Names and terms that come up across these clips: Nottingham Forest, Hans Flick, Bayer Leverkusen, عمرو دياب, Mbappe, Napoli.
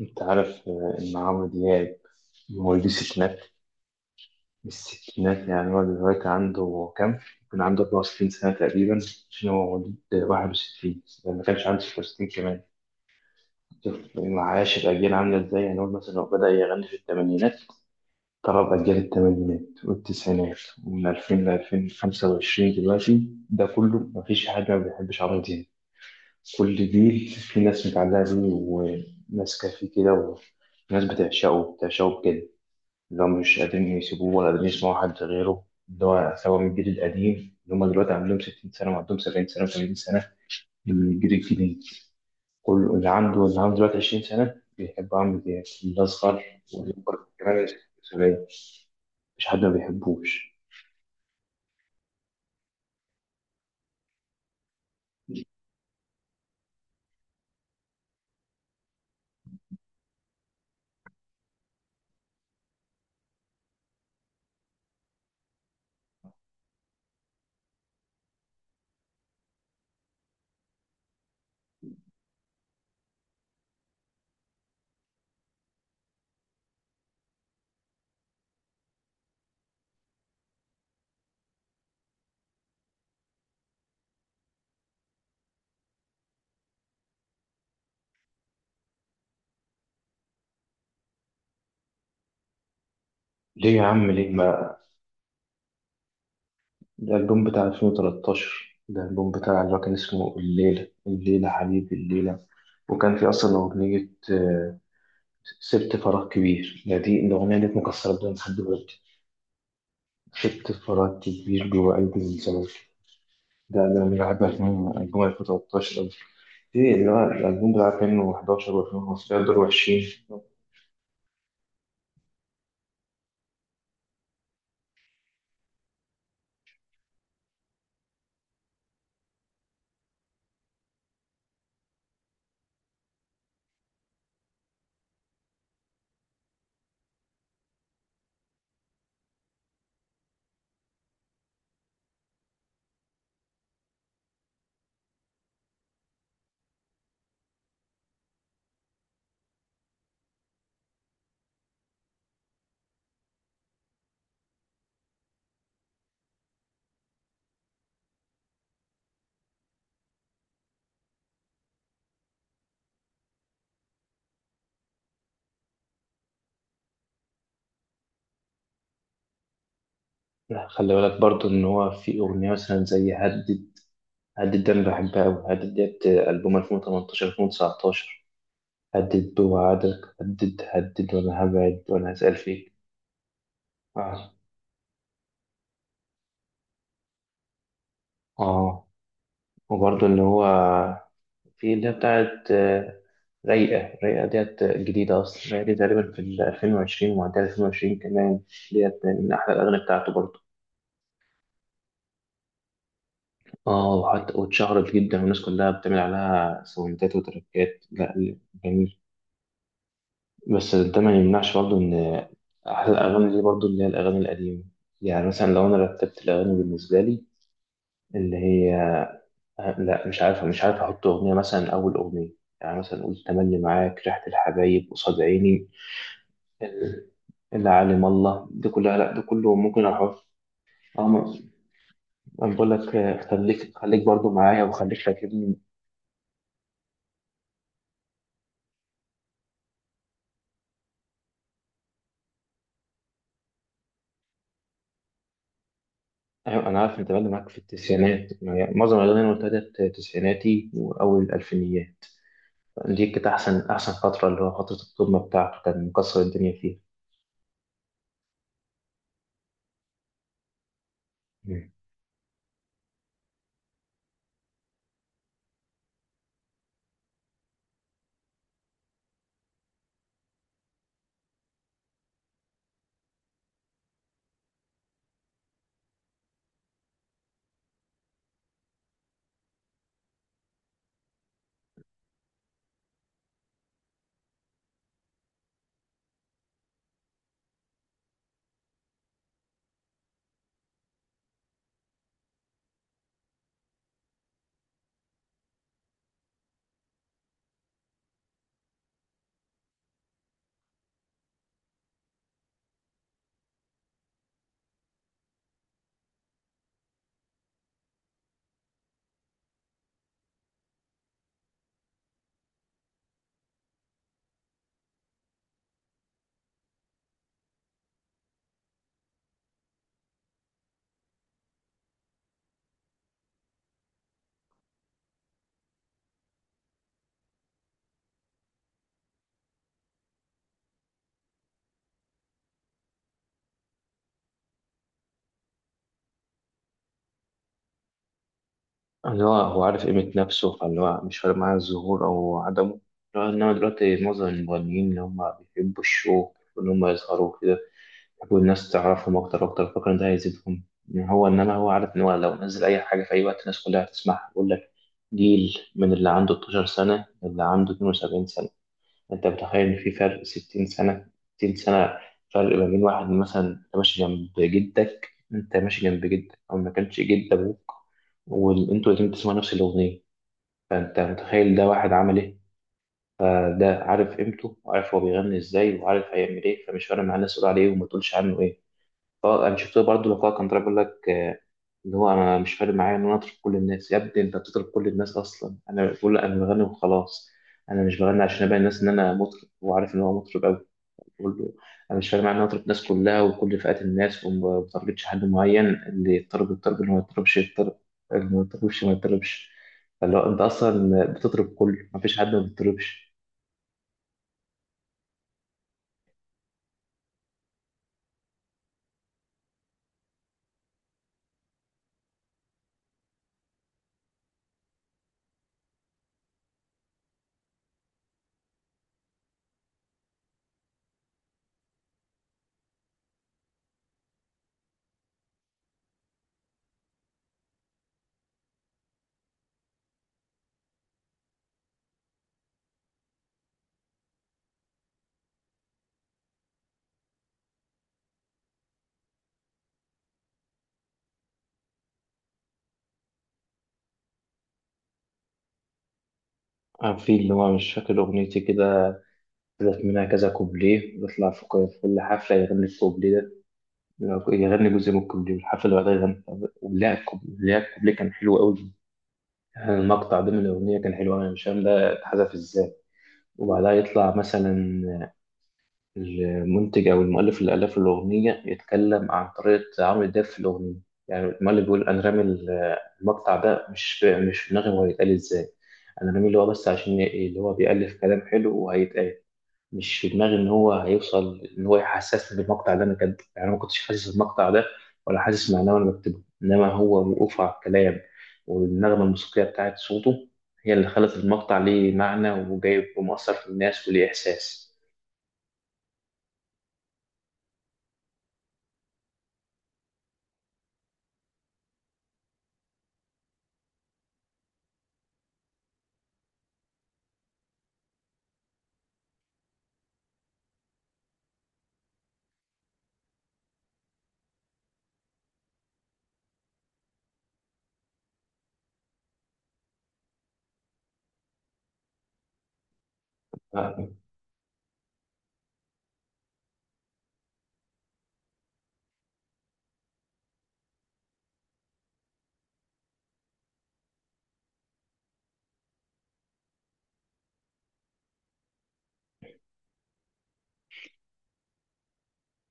انت عارف ان عمرو دياب مواليد الستينات. مش الستينات، يعني هو دلوقتي عنده كام؟ كان عنده 64 سنة تقريبا، عشان هو مواليد 61، يعني ما كانش عنده 66 كمان. شوف معاش الأجيال عاملة ازاي. يعني هو مثلا لو بدأ يغني في الثمانينات، طلب أجيال الثمانينات والتسعينات، ومن 2000 ل 2025 دلوقتي، ده كله مفيش حد ما بيحبش عمرو دياب. كل جيل في ناس متعلقة بيه، وناس كافيه كده، وناس بتعشقه بتعشقه بجد. اللي هم مش قادرين يسيبوه ولا قادرين يسمعوا حد غيره، اللي هو سواء من الجيل القديم اللي هم دلوقتي عندهم 60 سنة وعندهم 70 سنة و80 سنة، من الجيل الجديد. كل اللي عنده دلوقتي 20 سنة بيحب عمرو دياب، الأصغر والأكبر كمان، السورية، مش حد ما بيحبوش. ليه يا عم ليه ما؟ ده الألبوم بتاع 2013، ده الألبوم بتاع اللي هو كان اسمه الليلة الليلة حبيبي الليلة، وكان في أصلا أغنية سبت فراغ كبير، ده دي الأغنية دي مكسرة الدنيا لحد دلوقتي. شفت انفراد كبير جوه قلب الزمالك. ده انا بحب من البوم 2013 قوي. ايه اللي هو الالبوم بتاع 2011 و2015 دول وحشين. لا خلي بالك برضو ان هو في اغنيه مثلا زي هدد. هدد ده انا بحبها قوي. هدد ديت البوم 2018 2019. هدد بوعدك، هدد هدد وانا هبعد، وانا هسأل فيك. اه اه، وبرضو اللي هو في اللي هي بتاعت رايقة. رايقة ديت جديدة أصلا. رايقة دي تقريبا في ال 2020 ومعدية 2020 كمان. ديت من أحلى الأغاني بتاعته برضه. اه، وحتى واتشهرت جدا، والناس كلها بتعمل عليها ساوندات وتراكات. لا جميل. بس ده ما يمنعش برضه إن أحلى الأغاني دي برضه اللي هي الأغاني القديمة. يعني مثلا لو أنا رتبت الأغاني بالنسبة لي، اللي هي لا مش عارف، أحط أغنية مثلا أول أغنية، يعني مثلا قول تملي معاك، ريحة الحبايب، قصاد عيني، اللي عالم الله، ده كله، لا ده كله ممكن اروح. اه انا بقول لك خليك خليك برضو معايا وخليك فاكرني. ايوه انا عارف، انت بقى معاك في التسعينات يعني، معظم الاغاني اللي قلتها ديت تسعيناتي واول الالفينيات. دي كانت احسن احسن فتره، اللي هو فتره القمه بتاعته، كان مكسر الدنيا فيها. مم. اللي هو هو عارف قيمه نفسه، فاللي هو مش فارق معاه الظهور او عدمه. اللي هو انما دلوقتي معظم المغنيين اللي هم بيحبوا الشو، واللي هم يظهروا كده، والناس تعرفهم أكتر وأكتر، فاكر إن ده هيزيدهم. يعني هو إنما هو عارف إن هو لو نزل أي حاجة في أي وقت الناس كلها هتسمعها. يقول لك، جيل من اللي عنده 12 سنة للي عنده 72 سنة. أنت متخيل إن في فرق 60 سنة؟ 60 سنة فرق ما بين واحد، مثلا أنت ماشي جنب جدك، أنت ماشي جنب جدك أو ما كانش جد أبوك، وأنتوا الاتنين بتسمعوا نفس الأغنية. فأنت متخيل ده واحد عمل إيه؟ ده عارف قيمته، وعارف هو بيغني إزاي، وعارف هيعمل إيه، فمش فارق معاه الناس تقول عليه وما تقولش عنه إيه. اه، انا شفت برضه مقال كان طالع بيقول لك ان هو انا مش فارق معايا ان انا اطرب كل الناس. يا ابني انت بتطرب كل الناس اصلا. انا بقول له، انا بغني وخلاص. انا مش بغني عشان ابين الناس ان انا مطرب. وعارف ان هو مطرب قوي. بقول له انا مش فارق معايا ان انا اطرب الناس كلها وكل فئات الناس، وما بتارجتش حد معين. اللي يضطرب يضطرب، اللي ما يضطربش يضطرب، اللي ما يضطربش ما يضطربش. فاللي هو انت اصلا بتطرب كله، ما فيش حد ما بيضطربش. في اللي هو مش فاكر اغنيتي كده، طلعت منها كذا كوبليه، بيطلع في في كل حفله يغني الكوبليه ده، يغني جزء من الكوبليه، والحفلة اللي بعدها يغني ولا الكوبليه. لا الكوبليه كان حلو قوي، المقطع ده من الأغنية كان حلو أوي، أنا مش فاهم ده اتحذف إزاي. وبعدها يطلع مثلا المنتج أو المؤلف اللي ألف الأغنية يتكلم عن طريقة عمرو دياب في الأغنية. يعني المؤلف بيقول أنا رامي، المقطع ده مش في دماغي هو هيتقال إزاي. أنا رامي اللي هو بس عشان اللي هو بيألف كلام حلو وهيتقال. مش في دماغي ان هو هيوصل ان هو يحسسني بالمقطع ده انا كاتبه. يعني انا ما كنتش حاسس المقطع ده ولا حاسس معناه وانا بكتبه. انما هو وقوفه على الكلام والنغمه الموسيقيه بتاعت صوته، هي اللي خلت المقطع ليه معنى وجايب ومؤثر في الناس وليه احساس.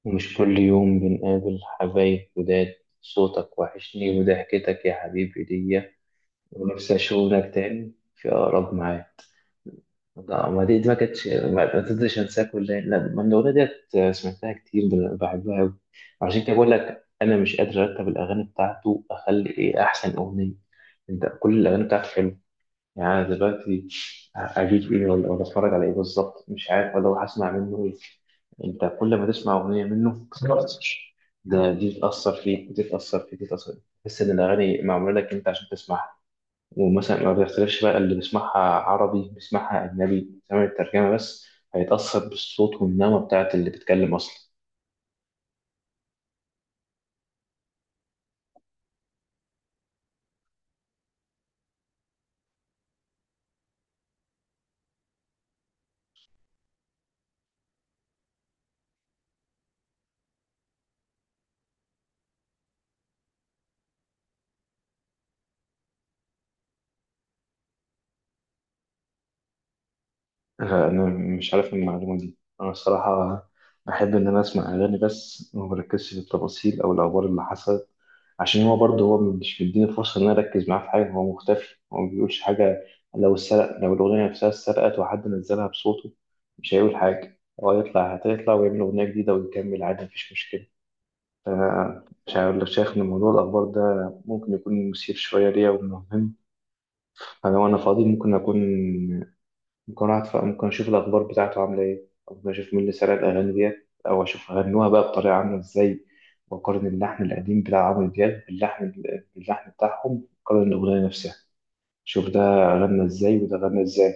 ومش كل يوم بنقابل حبايب جداد، صوتك وحشني وضحكتك يا حبيبي ليا، ونفسي اشوفك تاني في اقرب ميعاد. لا ما دي، دي ما كانتش، ما تقدرش انساها كلها. لا ما من الاغنيه ديت، سمعتها كتير، بحبها قوي. عشان كده بقول لك انا مش قادر ارتب الاغاني بتاعته، اخلي ايه احسن اغنيه. انت كل الاغاني بتاعته حلوه. يعني أنا دلوقتي اجيب ايه، ولا اتفرج على ايه بالظبط، مش عارف، ولا هسمع منه ايه. انت كل ما تسمع اغنيه منه، ده دي تاثر فيك، ودي تاثر فيك، ودي تاثر فيك، تحس ان الاغاني معموله لك انت عشان تسمعها. ومثلا ما بيختلفش بقى اللي بيسمعها عربي، بيسمعها أجنبي سامع الترجمة بس، هيتأثر بالصوت والنغمة بتاعت اللي بيتكلم أصلا. أنا مش عارف إيه المعلومة دي أنا الصراحة. أحب إن أنا أسمع أغاني بس، وما بركزش في التفاصيل أو الأخبار اللي حصلت. عشان هو برضه هو مش مديني فرصة إن أنا أركز معاه في حاجة. هو مختفي، هو ما بيقولش حاجة. لو السرق، لو الأغنية نفسها اتسرقت وحد نزلها بصوته، مش هيقول حاجة. هو هيطلع هتطلع ويعمل أغنية جديدة ويكمل عادي، مفيش مشكلة. مش عارف لو شايف إن موضوع الأخبار ده ممكن يكون مثير شوية ليا ومهم. أنا وأنا فاضي ممكن أقعد، ممكن أشوف الأخبار بتاعته عاملة إيه، أو ممكن أشوف مين اللي سرق الأغاني ديت، أو أشوف غنوها بقى بطريقة عاملة إزاي، وأقارن اللحن القديم بتاع عمرو دياب باللحن، بتاعهم. أقارن الأغنية نفسها، أشوف ده غنى إزاي وده غنى إزاي.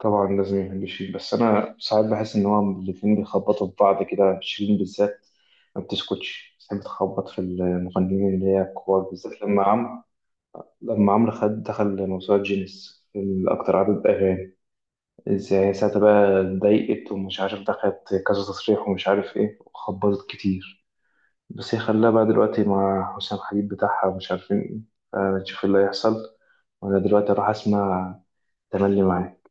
طبعا لازم يحب شيرين، بس انا ساعات بحس ان هو الاتنين بيخبطوا في بعض كده. شيرين بالذات ما بتسكتش، بتحب تخبط في المغنيين اللي هي الكبار بالذات. لما لما عمرو خد دخل موسوعة جينيس الأكتر عدد أغاني، إزاي ساعتها بقى اتضايقت، ومش عارف دخلت كذا تصريح ومش عارف إيه، وخبطت كتير. بس هي خلاها بقى دلوقتي مع حسام حبيب بتاعها ومش عارفين إيه، فنشوف اللي هيحصل. وأنا دلوقتي أروح أسمع تملي معاك.